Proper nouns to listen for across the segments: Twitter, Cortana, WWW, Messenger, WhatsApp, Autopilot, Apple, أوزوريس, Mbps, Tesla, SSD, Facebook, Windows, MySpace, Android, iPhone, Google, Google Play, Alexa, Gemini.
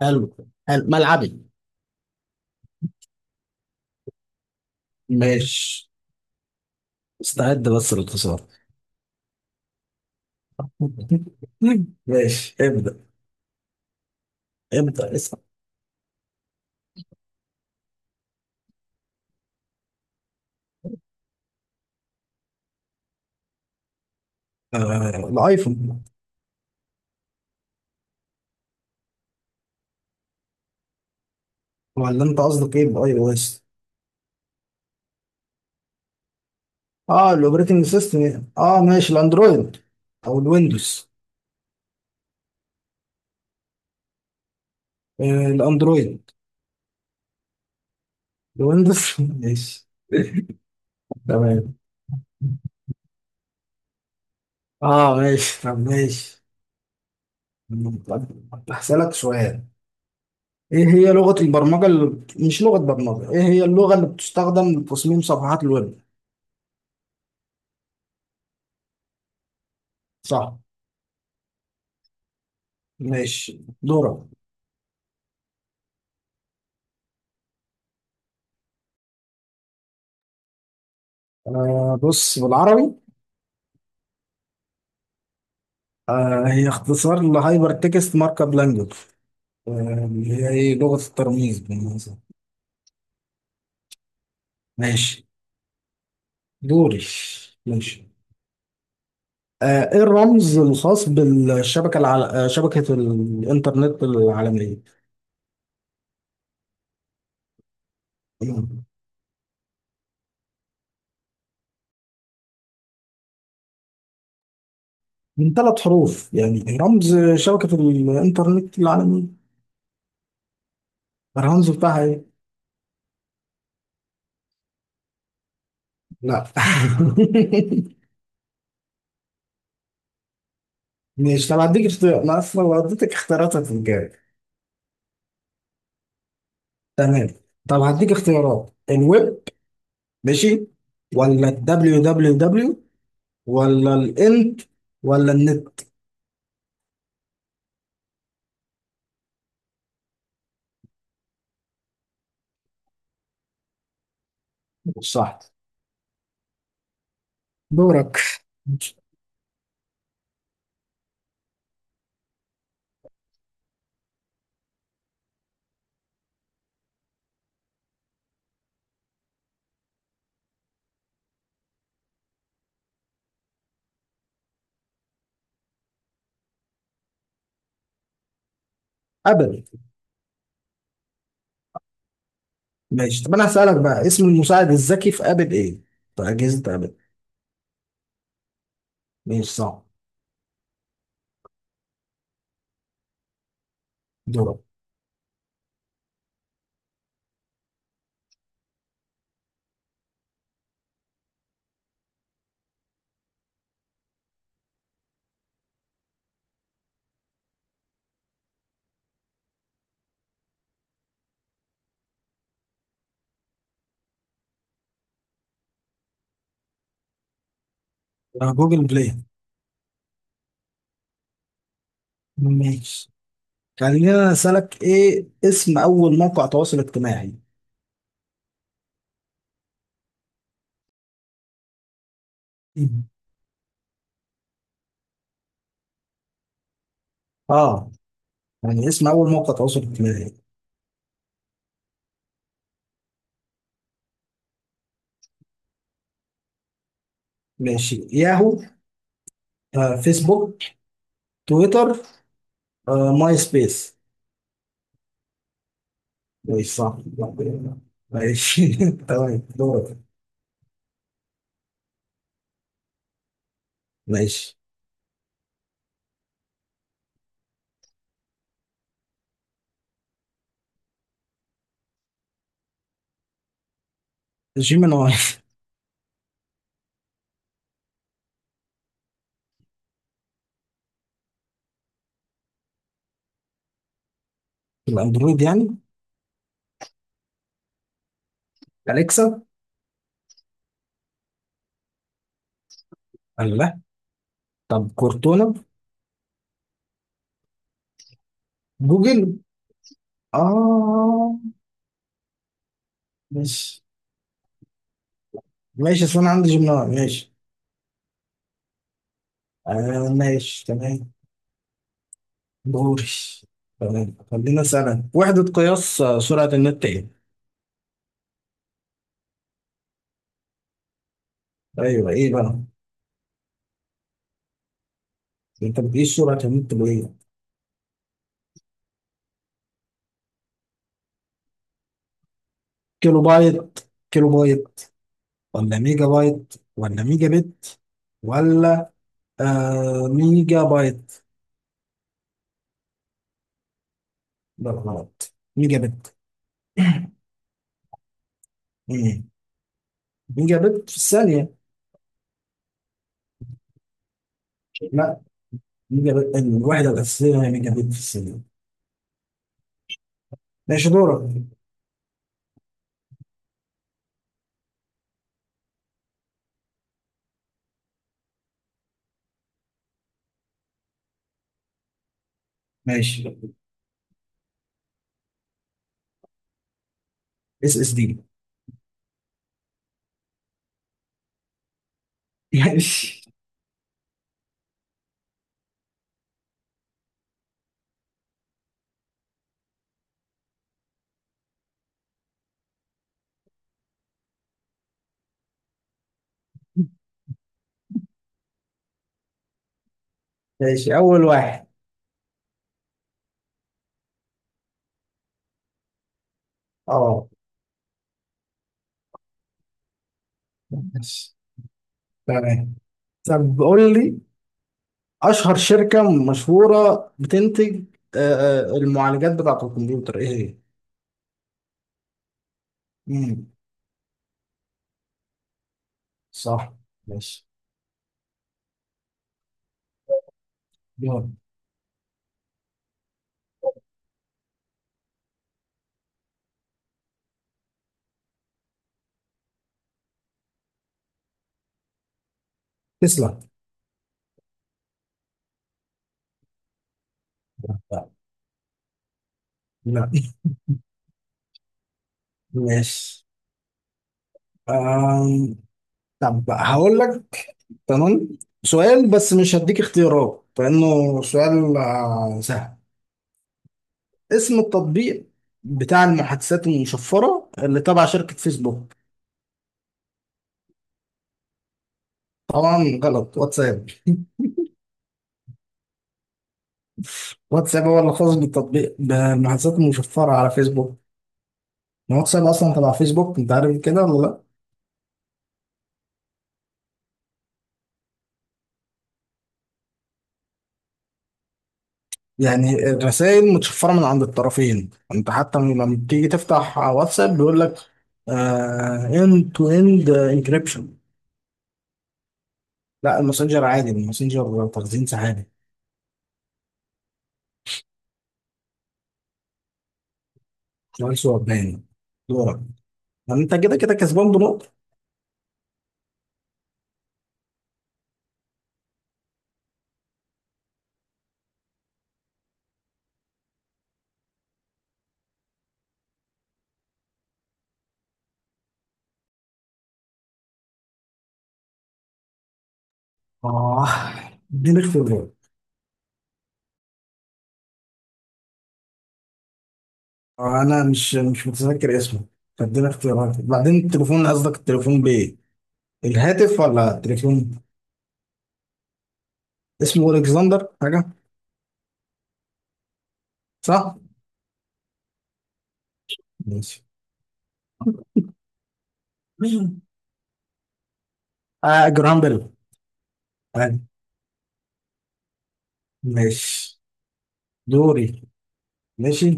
حلو. حلو ملعبي. ماشي، استعد بس للخسارة. ماشي، ابدأ. ابدأ اسأل. آه، الايفون. ولا انت قصدك ايه؟ باي او اس. اه، الاوبريتنج سيستم يعني. اه ماشي، الاندرويد او الويندوز. آه، الاندرويد. الويندوز. ماشي، تمام. اه ماشي، طب ماشي. طب هسألك سؤال، ايه هي لغة البرمجة مش لغة برمجة، ايه هي اللغة اللي بتستخدم لتصميم صفحات الويب؟ صح. ماشي، دورة. آه، بص بالعربي. آه، هي اختصار لهايبر تكست مارك اب لانجوج، اللي هي ايه، لغة الترميز بالمناسبة. ماشي، دوري. ماشي. آه، ايه الرمز الخاص بالشبكة شبكة الانترنت العالمية؟ من ثلاث حروف، يعني رمز شبكة الانترنت العالمية. الرمز بتاعها ايه؟ لا. مش طب هديك اختيار، انا اصلا لو اديتك اختيارات هتتجاوب. تمام. طب هديك اختيارات، الويب؟ ماشي. ولا الWWW؟ ولا الانت؟ ولا النت؟ صح. دورك. ابل. ماشي، طب انا هسألك بقى، اسم المساعد الذكي في ابل ايه؟ في اجهزة ابل. ماشي، صح. دورك. آه، جوجل بلاي. ماشي، خلينا اسألك، ايه اسم اول موقع تواصل اجتماعي؟ مم. اه، يعني اسم اول موقع تواصل اجتماعي. ماشي، ياهو، فيسبوك، تويتر، ماي سبيس. ماشي، صح. ماشي. تمام. دورك. ماشي. جيميناي. الاندرويد يعني. اليكسا. الله. طب كورتونا. جوجل. اه، ماشي. ماشي، اصل انا عندي جيميناي، ماشي. آه، ماشي، تمام. دوري. تمام، خلينا اسالك، وحدة قياس سرعة النت ايه؟ ايوه، ايه بقى؟ انت بتقيس سرعة النت بايه؟ كيلو بايت. كيلو بايت ولا ميجا بايت ولا ميجا بت؟ ولا ميجا بايت؟ لا، غلط، ميجا بت. مم. ميجا بت في الثانية. لا، ميجا بت، الوحدة الأساسية هي ميجا بت في الثانية. ماشي، دورك. ماشي، اس اس دي. ماشي. ماشي أول واحد. اه، ماشي، تمام. طب قول لي، أشهر شركة مشهورة بتنتج آه المعالجات بتاعة الكمبيوتر إيه هي؟ مم. صح. ماشي، دورك. تسلا. لا، لا. ماشي. طب هقول لك، تمام، سؤال بس مش هديك اختيارات لأنه سؤال آه، سهل. اسم التطبيق بتاع المحادثات المشفرة اللي تبع شركة فيسبوك. طبعا غلط، واتساب. واتساب هو اللي خاص بالتطبيق، بالمحادثات المشفرة على فيسبوك. واتساب أصلا تبع فيسبوك، أنت عارف كده ولا لأ؟ يعني الرسائل متشفرة من عند الطرفين، أنت حتى لما بتيجي تفتح واتساب بيقول لك اند تو اند انكريبشن. لا، الماسنجر عادي، الماسنجر تخزين سحابي، شغال صور، باين. دورك. ما انت كده كده كسبان بنقطة. اه، اديني اختيارات. آه، انا مش متذكر اسمه، فاديني اختيارات. بعدين التليفون، قصدك التليفون بايه، الهاتف ولا التليفون؟ اسمه الكسندر حاجة. صح. ماشي. مين؟ اه، جرام بيل. عادي. ماشي، دوري. ماشي.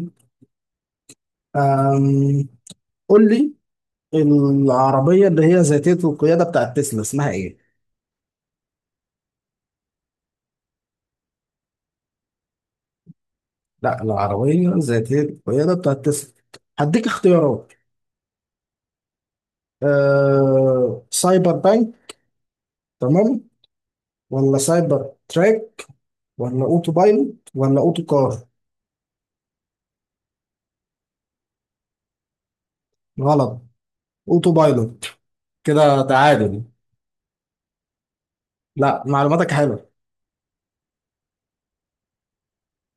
آم. قول لي، العربية اللي هي ذاتية القيادة بتاعت تسلا اسمها ايه؟ لا، العربية ذاتية القيادة بتاعت تسلا. هديك اختيارات. آه، سايبر بانك. تمام. ولا سايبر تراك؟ ولا اوتو بايلوت؟ ولا اوتو كار؟ غلط، اوتو بايلوت. كده تعادل. لا، معلوماتك حلوة.